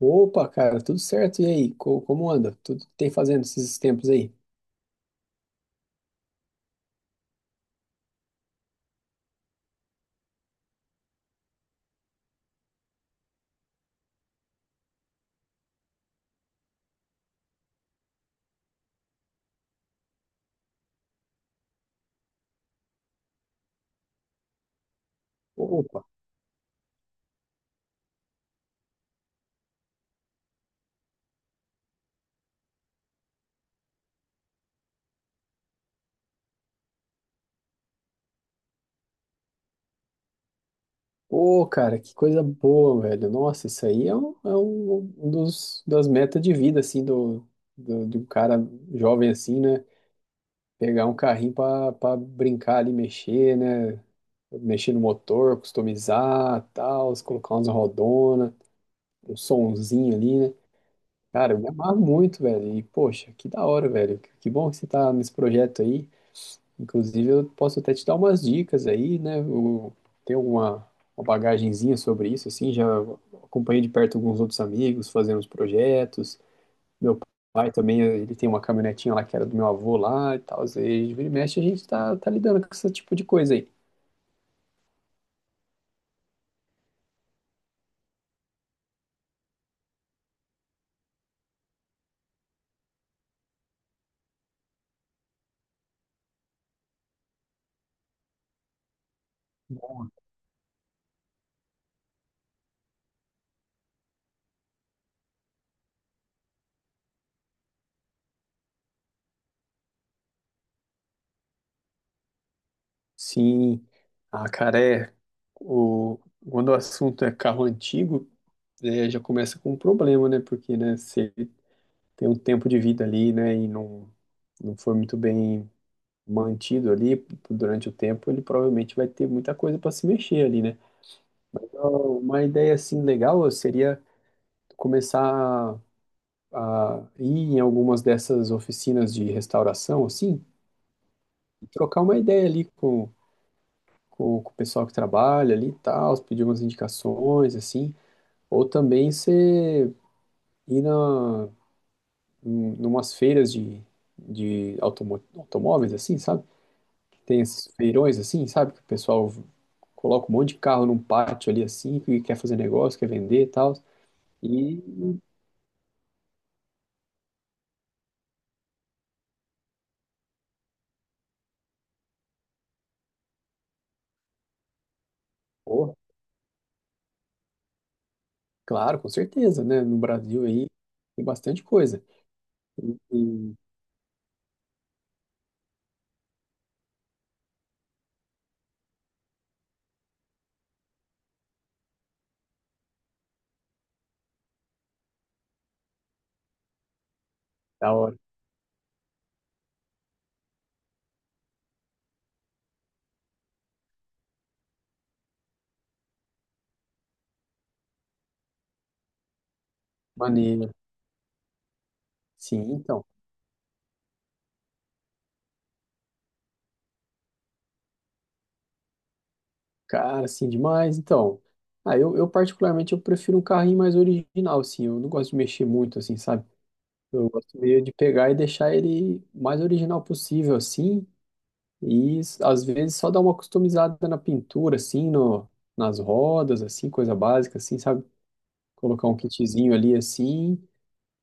Opa, cara, tudo certo? E aí, como anda? Tudo que tem fazendo esses tempos aí? Opa, ô, cara, que coisa boa, velho. Nossa, isso aí é um dos, das metas de vida, assim, de um cara jovem, assim, né? Pegar um carrinho pra, pra brincar ali, mexer, né? Mexer no motor, customizar, tal, colocar umas rodona, um sonzinho ali, né? Cara, eu me amarro muito, velho. E, poxa, que da hora, velho. Que bom que você tá nesse projeto aí. Inclusive, eu posso até te dar umas dicas aí, né? Eu tenho uma bagagenzinha sobre isso, assim, já acompanhei de perto alguns outros amigos fazendo os projetos. Meu pai também, ele tem uma caminhonetinha lá que era do meu avô lá e tal. E vira e mexe, a gente tá lidando com esse tipo de coisa aí. Sim, ah, cara, é, o, quando o assunto é carro antigo, é, já começa com um problema, né? Porque, né, se ele tem um tempo de vida ali, né, e não foi muito bem mantido ali durante o tempo, ele provavelmente vai ter muita coisa para se mexer ali, né? Então, uma ideia assim legal seria começar a ir em algumas dessas oficinas de restauração, assim, e trocar uma ideia ali com o pessoal que trabalha ali e tal, pedir umas indicações, assim, ou também você ir na, em umas feiras de automóveis, assim, sabe? Tem esses feirões assim, sabe? Que o pessoal coloca um monte de carro num pátio ali assim, que quer fazer negócio, quer vender e tal. E, pô, claro, com certeza, né? No Brasil aí tem bastante coisa. E da hora, maneiro. Sim, então, cara, assim, demais. Então, ah, eu particularmente eu prefiro um carrinho mais original, assim. Eu não gosto de mexer muito, assim, sabe? Eu gosto meio de pegar e deixar ele mais original possível, assim. E às vezes só dar uma customizada na pintura, assim, no, nas rodas, assim, coisa básica, assim, sabe? Colocar um kitzinho ali assim.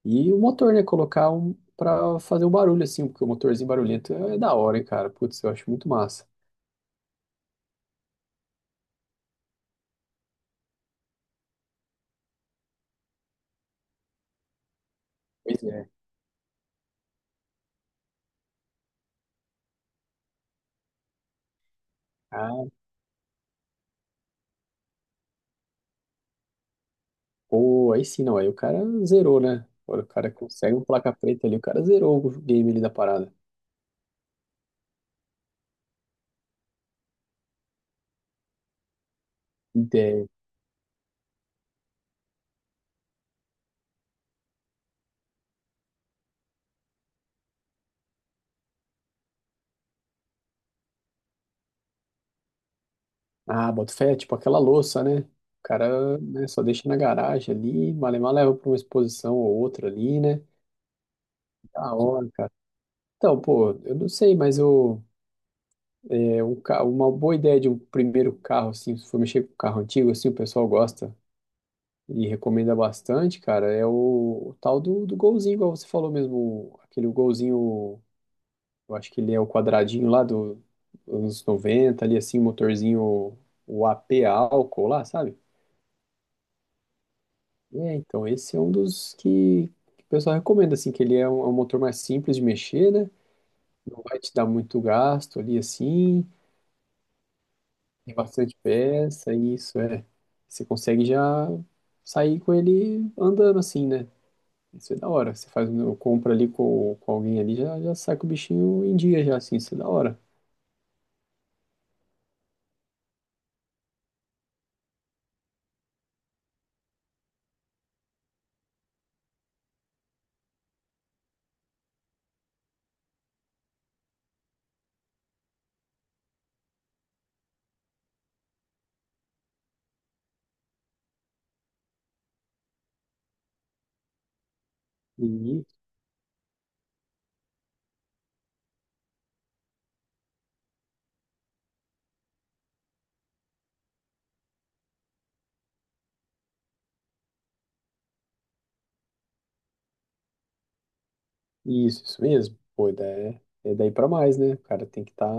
E o motor, né? Colocar um pra fazer um barulho assim, porque o motorzinho barulhento é da hora, hein, cara. Putz, eu acho muito massa. Pois é. Ah, pô, aí sim, não. Aí o cara zerou, né? Agora o cara consegue um placa preta ali, o cara zerou o game ali da parada. Ideia. Ah, boto fé, é tipo aquela louça, né? O cara, né, só deixa na garagem ali, malemar leva pra uma exposição ou outra ali, né? Da hora, cara. Então, pô, eu não sei, mas eu. É um carro, uma boa ideia de um primeiro carro, assim, se for mexer com carro antigo, assim, o pessoal gosta e recomenda bastante, cara, é o tal do Golzinho, igual você falou mesmo, aquele Golzinho, eu acho que ele é o quadradinho lá dos anos 90, ali assim, motorzinho, o AP álcool lá, sabe? É, então esse é um que o pessoal recomenda, assim, que ele é um motor mais simples de mexer, né? Não vai te dar muito gasto ali, assim. Tem bastante peça, isso é. Você consegue já sair com ele andando assim, né? Isso é da hora. Você faz uma compra ali com alguém ali, já, já sai com o bichinho em dia já, assim, isso é da hora. E isso mesmo. Pô, e daí pra mais, né? O cara tem que estar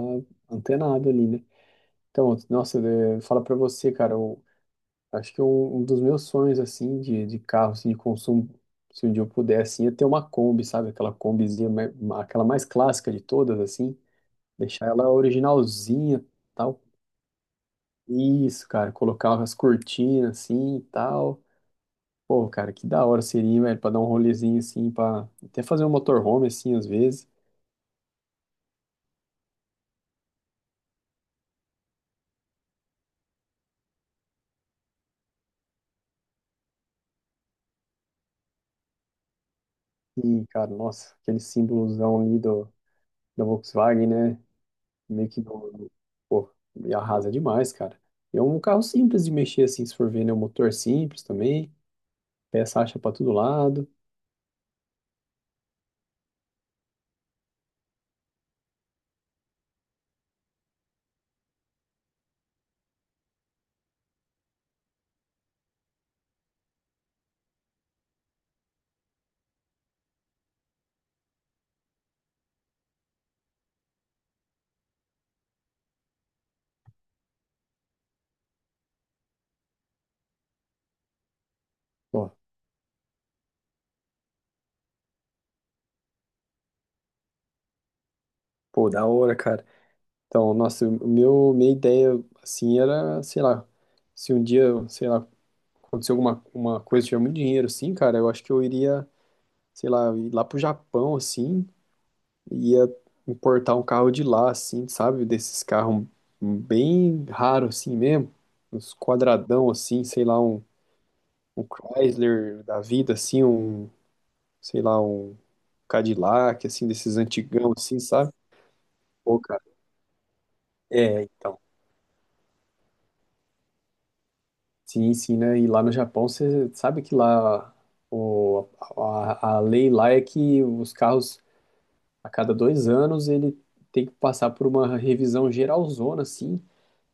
antenado ali, né? Então, nossa, é, fala pra você, cara, eu acho que um dos meus sonhos, assim, de carro, assim, de consumo, se um dia eu pudesse, ia ter uma Kombi, sabe? Aquela Kombizinha, aquela mais clássica de todas, assim. Deixar ela originalzinha, tal. Isso, cara, colocar as cortinas assim e tal. Pô, cara, que da hora seria, hein, velho, pra dar um rolezinho assim, pra até fazer um motorhome assim, às vezes. E, cara, nossa, aquele símbolozão ali do, da Volkswagen, né? Meio que pô, me arrasa demais, cara. E é um carro simples de mexer assim, se for ver, né? Um motor simples também, peça acha pra todo lado. Pô, pô, da hora, cara. Então, nossa, minha ideia, assim, era, sei lá, se um dia, sei lá, acontecer alguma uma coisa, tiver muito dinheiro, assim, cara, eu acho que eu iria, sei lá, ir lá pro Japão, assim, e ia importar um carro de lá, assim, sabe? Desses carros bem raros, assim mesmo, uns quadradão, assim, sei lá, um Chrysler da vida, assim, um, sei lá, um Cadillac, assim, desses antigão, assim, sabe? Pô, cara, é, então, sim, sim, né? E lá no Japão, você sabe que lá o, a lei lá é que os carros, a cada 2 anos, ele tem que passar por uma revisão geralzona, assim.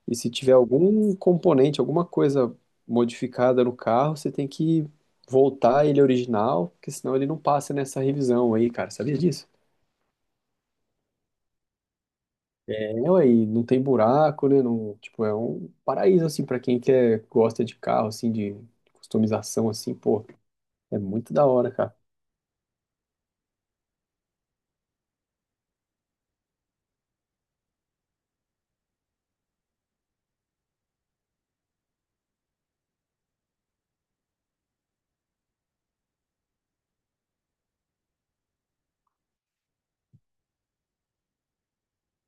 E se tiver algum componente, alguma coisa modificada no carro, você tem que voltar ele original, porque senão ele não passa nessa revisão aí, cara. Sabia disso? É, aí não tem buraco, né? Não, tipo, é um paraíso, assim, pra quem quer, gosta de carro, assim, de customização, assim, pô, é muito da hora, cara.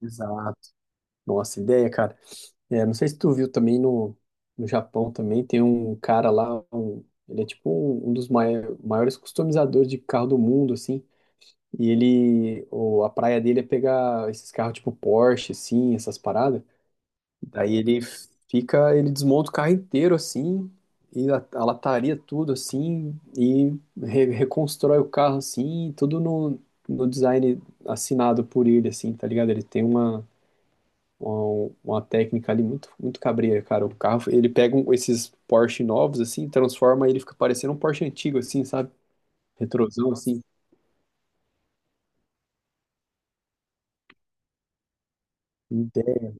Exato. Nossa, ideia, cara. É, não sei se tu viu também no, no Japão também, tem um cara lá, um- ele é tipo um dos maiores customizadores de carro do mundo, assim. E ele, o, a praia dele é pegar esses carros tipo Porsche, assim, essas paradas. Daí ele fica, ele desmonta o carro inteiro, assim, e a lataria tudo, assim, e reconstrói o carro, assim, tudo no, no design assinado por ele, assim, tá ligado? Ele tem uma técnica ali muito, muito cabreira, cara. O carro, ele pega um- esses Porsche novos, assim, transforma ele fica parecendo um Porsche antigo, assim, sabe? Retrosão, assim. Ideia,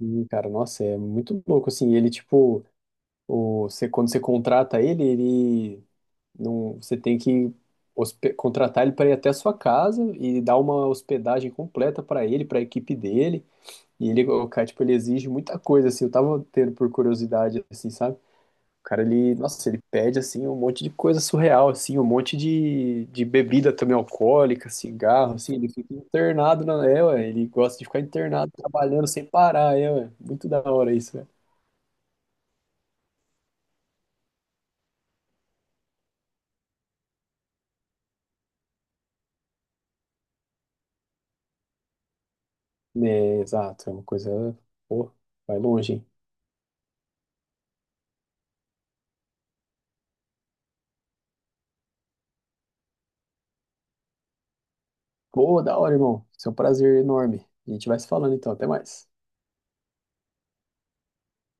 assim, cara, nossa, é muito louco, assim. Ele, tipo, o, você, quando você contrata ele, ele não, você tem que contratar ele para ir até a sua casa e dar uma hospedagem completa para ele, para a equipe dele. E ele, o cara, tipo, ele exige muita coisa, assim. Eu tava tendo por curiosidade, assim, sabe? O cara, ele, nossa, ele pede, assim, um monte de coisa surreal, assim, um monte de bebida também alcoólica, cigarro, assim, ele fica internado, na, é, ué, ele gosta de ficar internado, trabalhando sem parar, é, ué, muito da hora isso, velho. É, exato, é uma coisa, pô, vai longe, hein. Pô, da hora, irmão, isso é um prazer enorme. A gente vai se falando, então, até mais.